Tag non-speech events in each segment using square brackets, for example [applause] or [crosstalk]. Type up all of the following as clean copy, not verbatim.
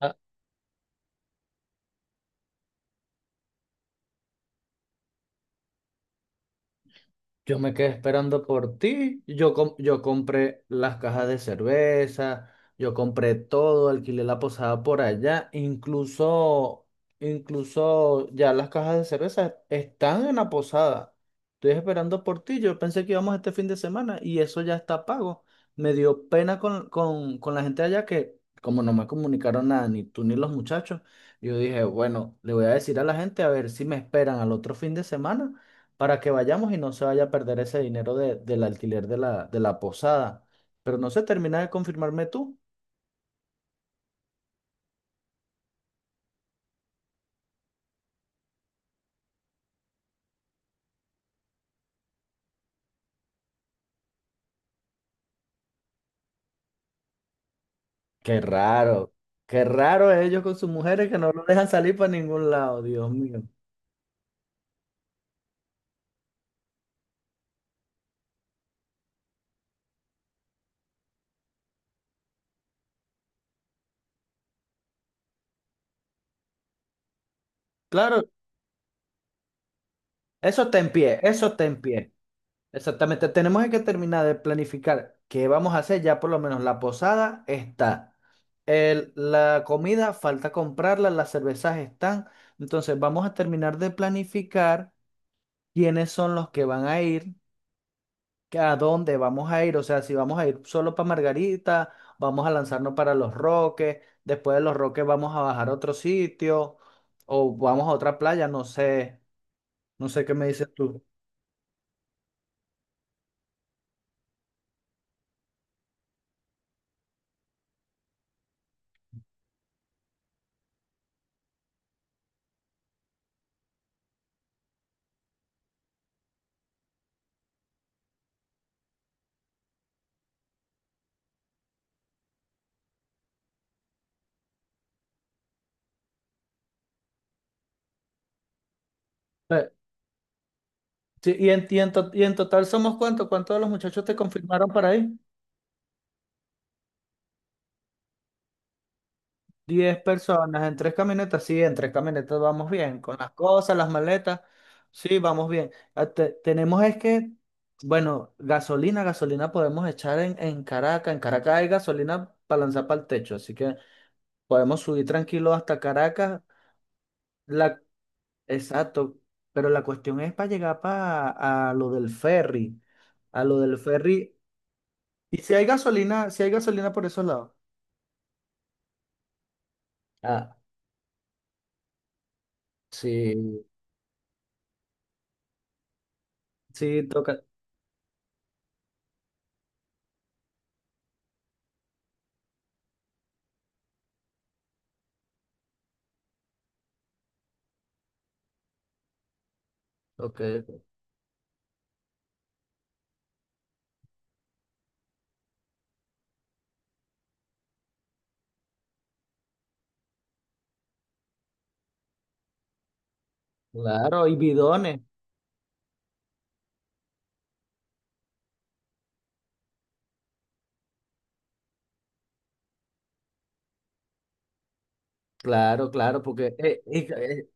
Ah, yo me quedé esperando por ti. Yo compré las cajas de cerveza, yo compré todo, alquilé la posada por allá. Incluso, ya las cajas de cerveza están en la posada. Estoy esperando por ti. Yo pensé que íbamos este fin de semana y eso ya está pago. Me dio pena con la gente allá que, como no me comunicaron nada, ni tú ni los muchachos, yo dije, bueno, le voy a decir a la gente a ver si me esperan al otro fin de semana para que vayamos y no se vaya a perder ese dinero del alquiler de la posada. Pero no se termina de confirmarme tú. Qué raro, qué raro ellos con sus mujeres que no lo dejan salir para ningún lado, Dios mío. Claro, eso está en pie, eso está en pie. Exactamente, tenemos que terminar de planificar qué vamos a hacer, ya por lo menos la posada está. La comida falta comprarla, las cervezas están. Entonces vamos a terminar de planificar quiénes son los que van a ir que a dónde vamos a ir, o sea, si vamos a ir solo para Margarita, vamos a lanzarnos para Los Roques, después de Los Roques vamos a bajar a otro sitio o vamos a otra playa, no sé, no sé qué me dices tú. Eh, sí, y en total somos cuántos, ¿cuántos de los muchachos te confirmaron para ir? Diez personas en tres camionetas, sí, en tres camionetas vamos bien, con las cosas, las maletas, sí, vamos bien. Ah, tenemos es que, bueno, gasolina podemos echar en Caracas, en Caracas hay gasolina para lanzar para el techo, así que podemos subir tranquilo hasta Caracas. La, exacto, pero la cuestión es para llegar para a lo del ferry, a lo del ferry. Y si hay gasolina, si hay gasolina por esos lados. Ah, sí, sí, toca, ok, claro, y bidones. Claro, claro, porque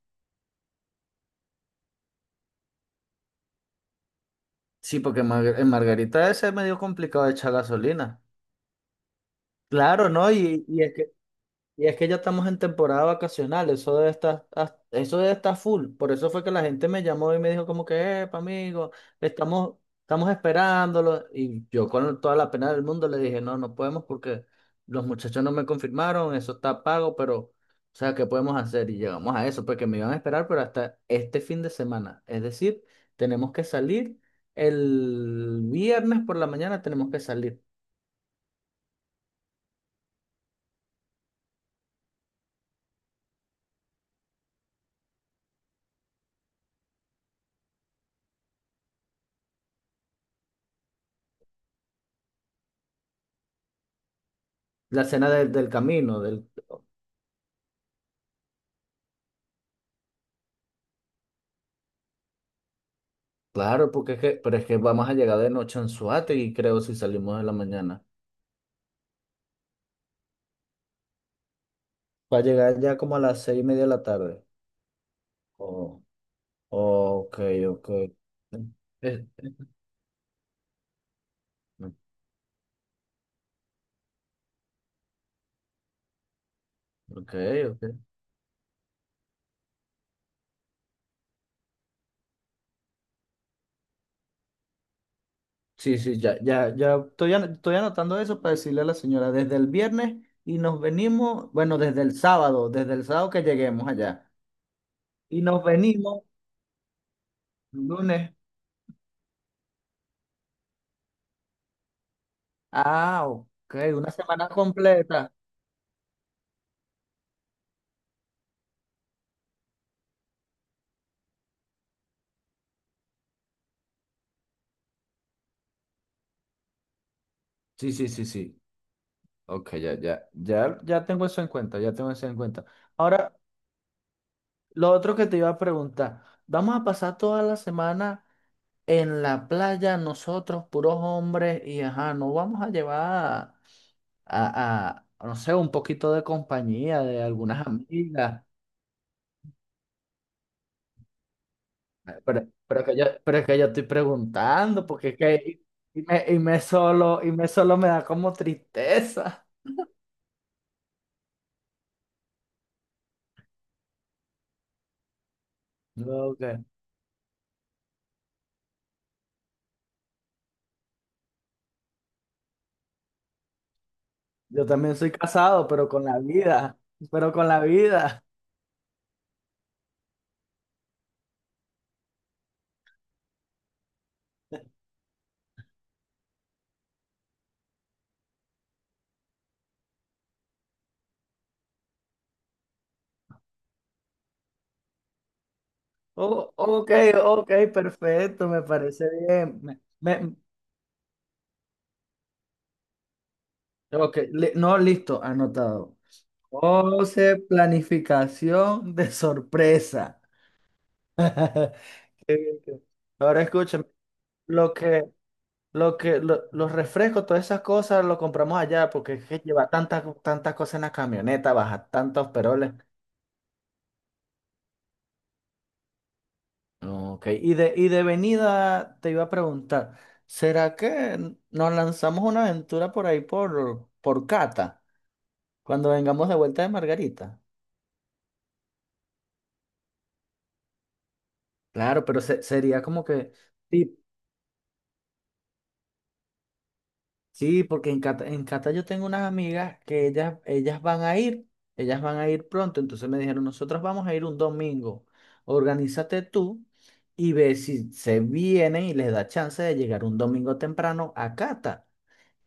sí, porque en Margarita es medio complicado echar gasolina. Claro, ¿no? Y es que ya estamos en temporada vacacional, eso debe estar full. Por eso fue que la gente me llamó y me dijo como que, epa, amigo, estamos, estamos esperándolo. Y yo con toda la pena del mundo le dije, no, no podemos porque los muchachos no me confirmaron, eso está pago, pero, o sea, ¿qué podemos hacer? Y llegamos a eso, porque me iban a esperar, pero hasta este fin de semana. Es decir, tenemos que salir el viernes por la mañana, tenemos que salir. La cena del camino, del Claro, pero es que vamos a llegar de noche en Anzoátegui, creo, si salimos de la mañana. Va a llegar ya como a las 6:30 de la tarde. Oh, ok, ok. Eh, ok, ok. Sí, sí, ya, ya, ya estoy anotando eso para decirle a la señora desde el viernes y nos venimos, bueno, desde el sábado que lleguemos allá. Y nos venimos lunes. Ah, ok, una semana completa. Sí, sí, sí, sí. Ok, ya, ya, ya, ya tengo eso en cuenta, ya tengo eso en cuenta. Ahora, lo otro que te iba a preguntar, vamos a pasar toda la semana en la playa nosotros, puros hombres, y ajá, no vamos a llevar a- a, no sé, un poquito de compañía de algunas amigas, pero es que yo estoy preguntando, porque es que y me solo me da como tristeza. No, ok. Yo también soy casado, pero con la vida, pero con la vida. Oh, ok, ok, perfecto, me parece bien. Ok, no, listo, anotado. José, planificación de sorpresa. [laughs] Qué bien, qué bien. Ahora escúchame, lo que, los refrescos, todas esas cosas, lo compramos allá porque es que lleva tantas, tantas cosas en la camioneta, baja tantos peroles. Ok, y de venida te iba a preguntar, ¿será que nos lanzamos una aventura por ahí por Cata? Cuando vengamos de vuelta de Margarita. Claro, pero sería como que, sí, sí, porque en Cata yo tengo unas amigas que ellas van a ir pronto, entonces me dijeron, nosotros vamos a ir un domingo, organízate tú y ve si se vienen y les da chance de llegar un domingo temprano a Cata.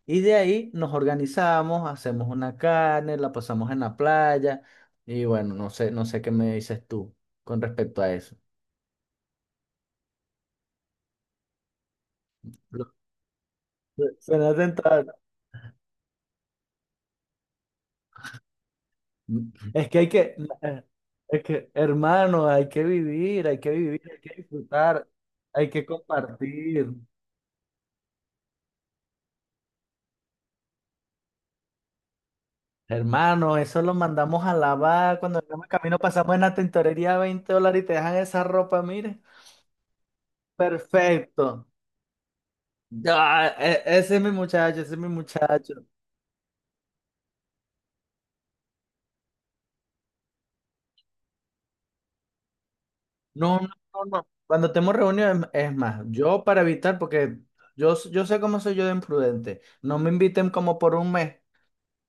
Y de ahí nos organizamos, hacemos una carne, la pasamos en la playa y bueno, no sé, no sé qué me dices tú con respecto a eso. Lo- Suena tentador. Es que hay que, es que, hermano, hay que vivir, hay que vivir, hay que disfrutar, hay que compartir. Hermano, eso lo mandamos a lavar. Cuando vengamos camino pasamos en la tintorería $20 y te dejan esa ropa, mire. Perfecto. Ah, ese es mi muchacho, ese es mi muchacho. No, no, no, no. Cuando estemos reunidos, es más, yo para evitar, porque yo sé cómo soy yo de imprudente, no me inviten como por un mes.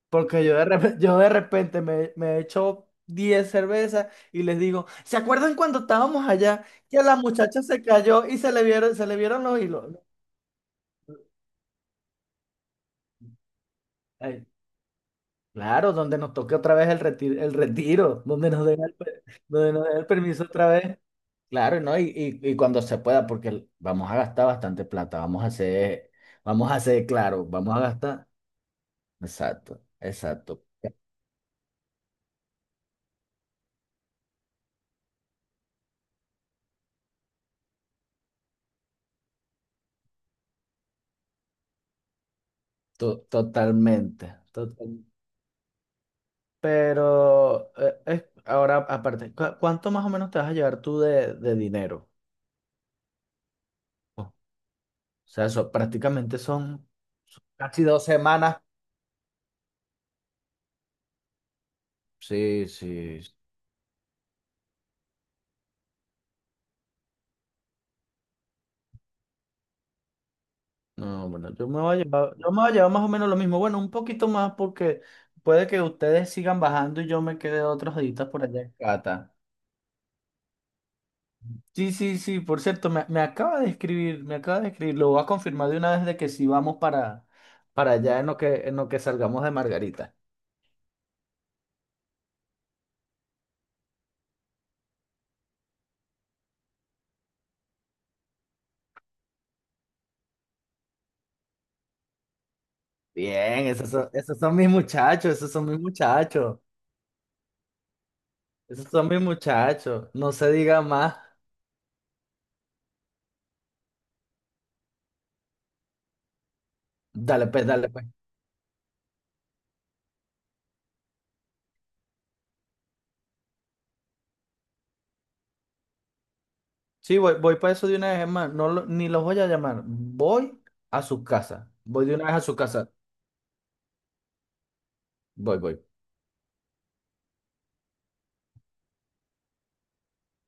Porque yo de repente me echo 10 cervezas y les digo, ¿se acuerdan cuando estábamos allá que a la muchacha se cayó y se le vieron los hilos? Ay, claro, donde nos toque otra vez el retiro, donde nos den el permiso otra vez. Claro, ¿no? Y cuando se pueda, porque vamos a gastar bastante plata, vamos a hacer claro, vamos a gastar. Exacto, exacto. Totalmente. Pero ahora, aparte, ¿cuánto más o menos te vas a llevar tú de dinero? O sea, eso prácticamente son casi 2 semanas. Sí, sí. No, bueno, yo me voy a llevar, yo me voy a llevar más o menos lo mismo. Bueno, un poquito más porque puede que ustedes sigan bajando y yo me quede otros días por allá en Cata. Sí, sí, sí, por cierto, me acaba de escribir, lo voy a confirmar de una vez de que sí vamos para allá en lo que salgamos de Margarita. Bien, esos son mis muchachos, esos son mis muchachos, esos son mis muchachos, no se diga más. Dale, pues, dale, pues. Sí, voy para eso de una vez, hermano, ni los voy a llamar, voy a su casa, voy de una vez a su casa, voy.